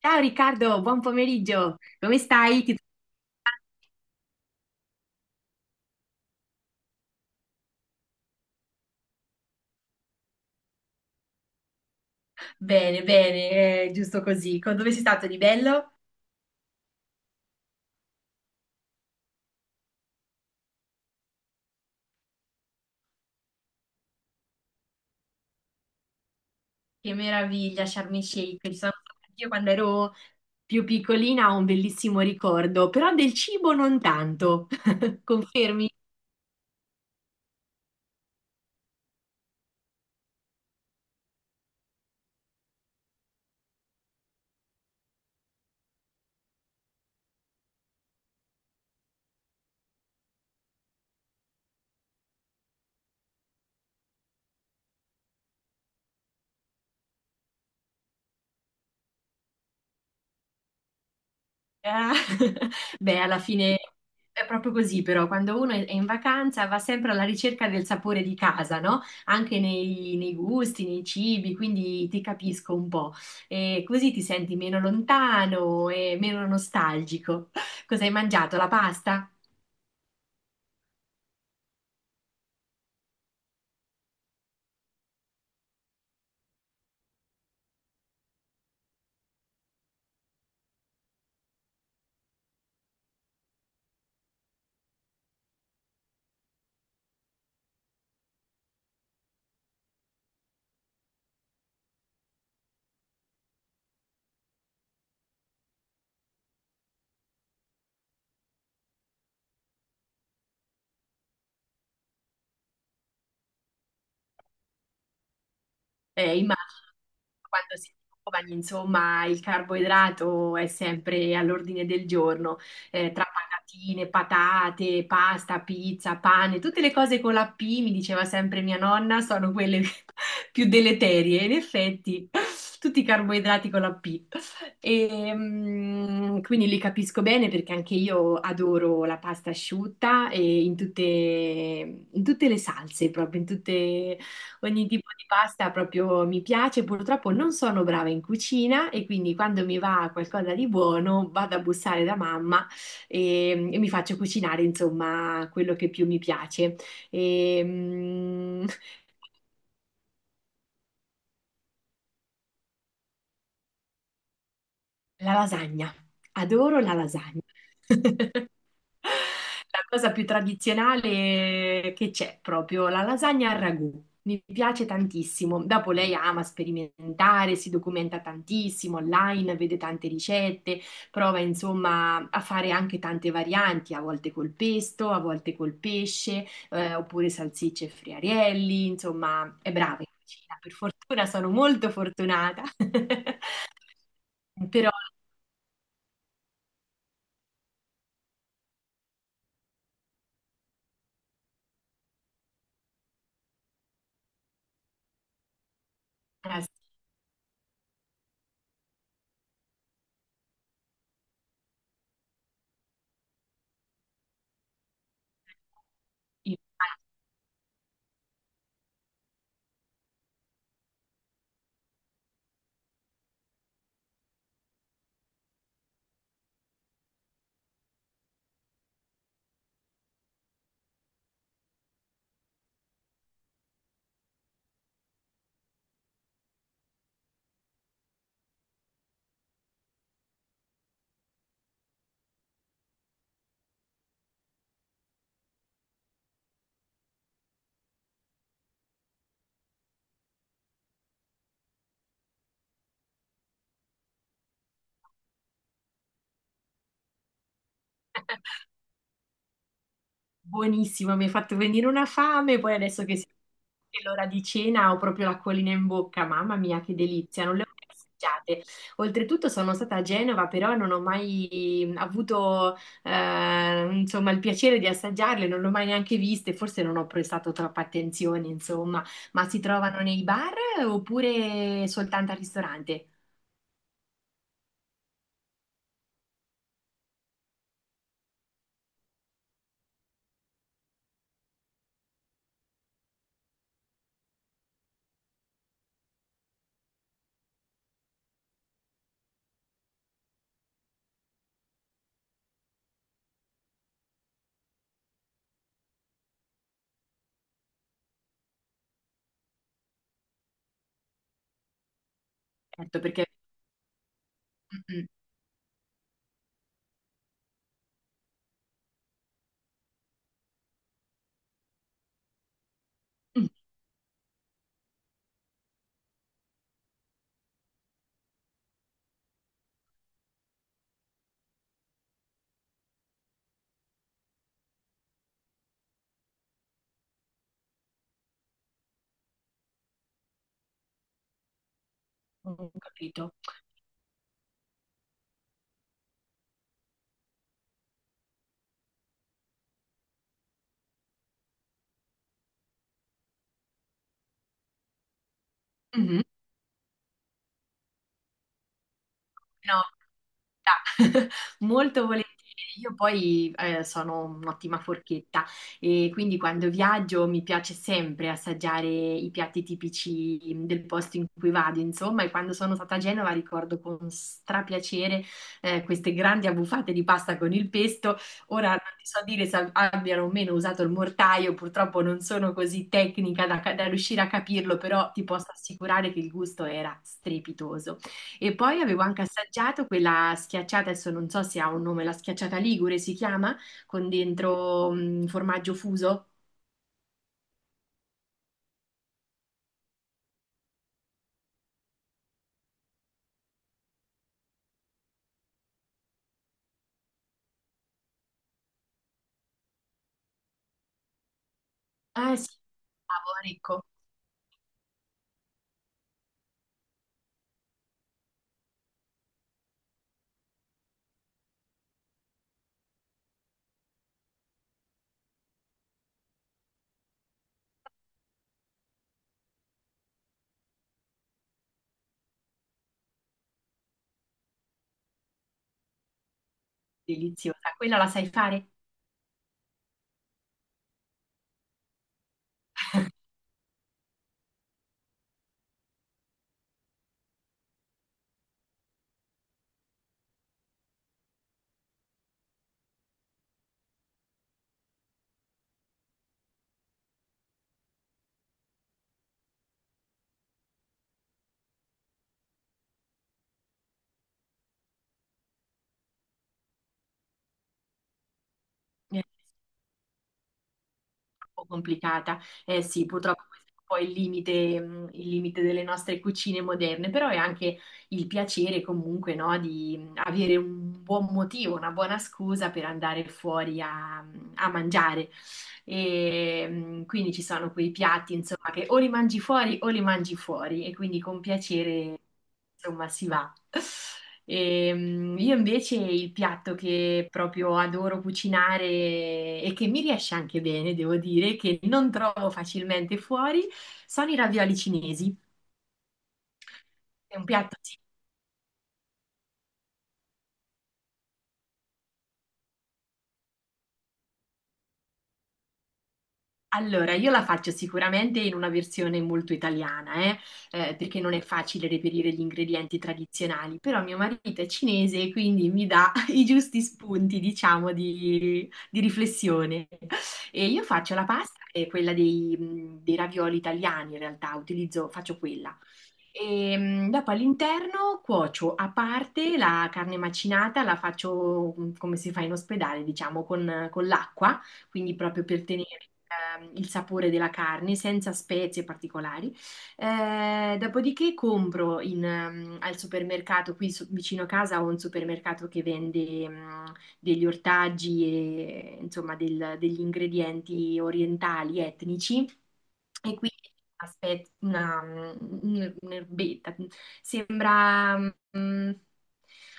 Ciao Riccardo, buon pomeriggio. Come stai? Ti- Bene, bene, giusto così. Co- Dove sei stato di bello? Che meraviglia, Sharm el Sheikh. Ci sono stata io quando ero più piccolina, ho un bellissimo ricordo, però del cibo non tanto. Confermi? Ah, beh, alla fine è proprio così, però quando uno è in vacanza va sempre alla ricerca del sapore di casa, no? Anche nei gusti, nei cibi, quindi ti capisco un po'. E così ti senti meno lontano e meno nostalgico. Cosa hai mangiato? La pasta? Immagino quando si è giovani, insomma, il carboidrato è sempre all'ordine del giorno, tra patatine, patate, pasta, pizza, pane, tutte le cose con la P, mi diceva sempre mia nonna, sono quelle più deleterie. In effetti, tutti i carboidrati con la P. E, quindi li capisco bene perché anche io adoro la pasta asciutta e in tutte le salse, proprio in tutte. Ogni tipo di pasta proprio mi piace, purtroppo non sono brava in cucina e quindi quando mi va qualcosa di buono vado a bussare da mamma e mi faccio cucinare insomma quello che più mi piace. E, la lasagna, adoro la lasagna. La cosa più tradizionale che c'è, proprio la lasagna al ragù. Mi piace tantissimo. Dopo lei ama sperimentare, si documenta tantissimo online, vede tante ricette, prova insomma a fare anche tante varianti, a volte col pesto, a volte col pesce, oppure salsicce e friarielli, insomma, è brava in cucina. Per fortuna sono molto fortunata. Però eh, sì, buonissimo, mi hai fatto venire una fame, poi adesso che si- che è l'ora di cena ho proprio l'acquolina in bocca, mamma mia che delizia, non le ho mai assaggiate. Oltretutto sono stata a Genova, però non ho mai avuto insomma, il piacere di assaggiarle, non le ho mai neanche viste, forse non ho prestato troppa attenzione, insomma, ma si trovano nei bar oppure soltanto al ristorante? Certo, perché... Mm, mm, mm, ho capito. Mm-hmm. No, verità. Molto volentieri. Io poi sono un'ottima forchetta e quindi quando viaggio mi piace sempre assaggiare i piatti tipici del posto in cui vado, insomma, e quando sono stata a Genova ricordo con strapiacere queste grandi abbuffate di pasta con il pesto. Ora non ti so dire se abbiano o meno usato il mortaio, purtroppo non sono così tecnica da riuscire a capirlo, però ti posso assicurare che il gusto era strepitoso. E poi avevo anche assaggiato quella schiacciata, adesso non so se ha un nome, la schiacciata ligure si chiama, con dentro formaggio fuso. Ah sì, cavolo, ecco, deliziosa. Quella la sai fare? Po' complicata. Eh sì, purtroppo questo è un po' il limite delle nostre cucine moderne, però è anche il piacere comunque, no, di avere un buon motivo, una buona scusa per andare fuori a mangiare. E, quindi ci sono quei piatti, insomma, che o li mangi fuori o li mangi fuori e quindi con piacere insomma, si va. Io invece il piatto che proprio adoro cucinare e che mi riesce anche bene, devo dire, che non trovo facilmente fuori, sono i ravioli cinesi. È un piatto sì, allora, io la faccio sicuramente in una versione molto italiana, perché non è facile reperire gli ingredienti tradizionali, però mio marito è cinese e quindi mi dà i giusti spunti, diciamo, di riflessione. E io faccio la pasta, che è quella dei, dei ravioli italiani, in realtà, utilizzo, faccio quella. E dopo all'interno cuocio a parte la carne macinata, la faccio come si fa in ospedale, diciamo, con l'acqua, quindi proprio per tenere il sapore della carne senza spezie particolari. Dopodiché compro in, al supermercato, qui so- vicino a casa ho un supermercato che vende degli ortaggi e insomma del- degli ingredienti orientali, etnici. E quindi aspetta, una, un- un'erbetta, sembra mm,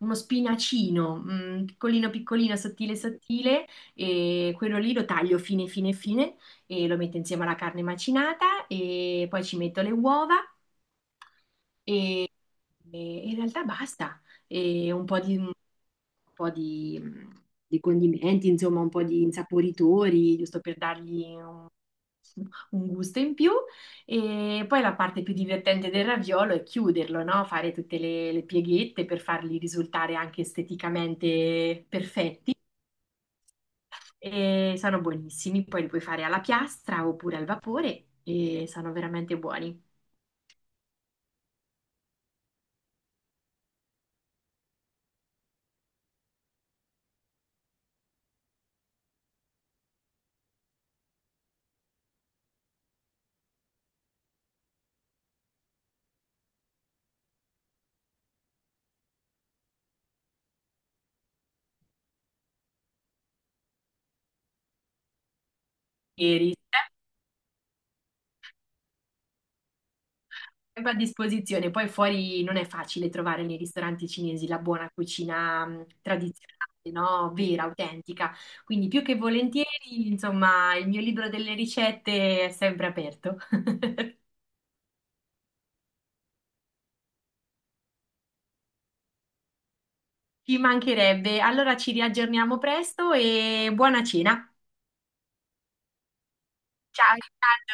uno spinacino, mm, piccolino piccolino, sottile sottile, e quello lì lo taglio fine fine fine e lo metto insieme alla carne macinata e poi ci metto le uova e, e in realtà basta, e un po' di, di condimenti, insomma un po' di insaporitori, giusto per dargli un gusto in più e poi la parte più divertente del raviolo è chiuderlo, no? Fare tutte le pieghette per farli risultare anche esteticamente perfetti e sono buonissimi, poi li puoi fare alla piastra oppure al vapore e sono veramente buoni. E ris- sempre a disposizione. Poi fuori non è facile trovare nei ristoranti cinesi la buona cucina tradizionale, no? Vera, autentica. Quindi più che volentieri, insomma, il mio libro delle ricette è sempre aperto. Ci mancherebbe. Allora ci riaggiorniamo presto e buona cena. Ciao, Riccardo,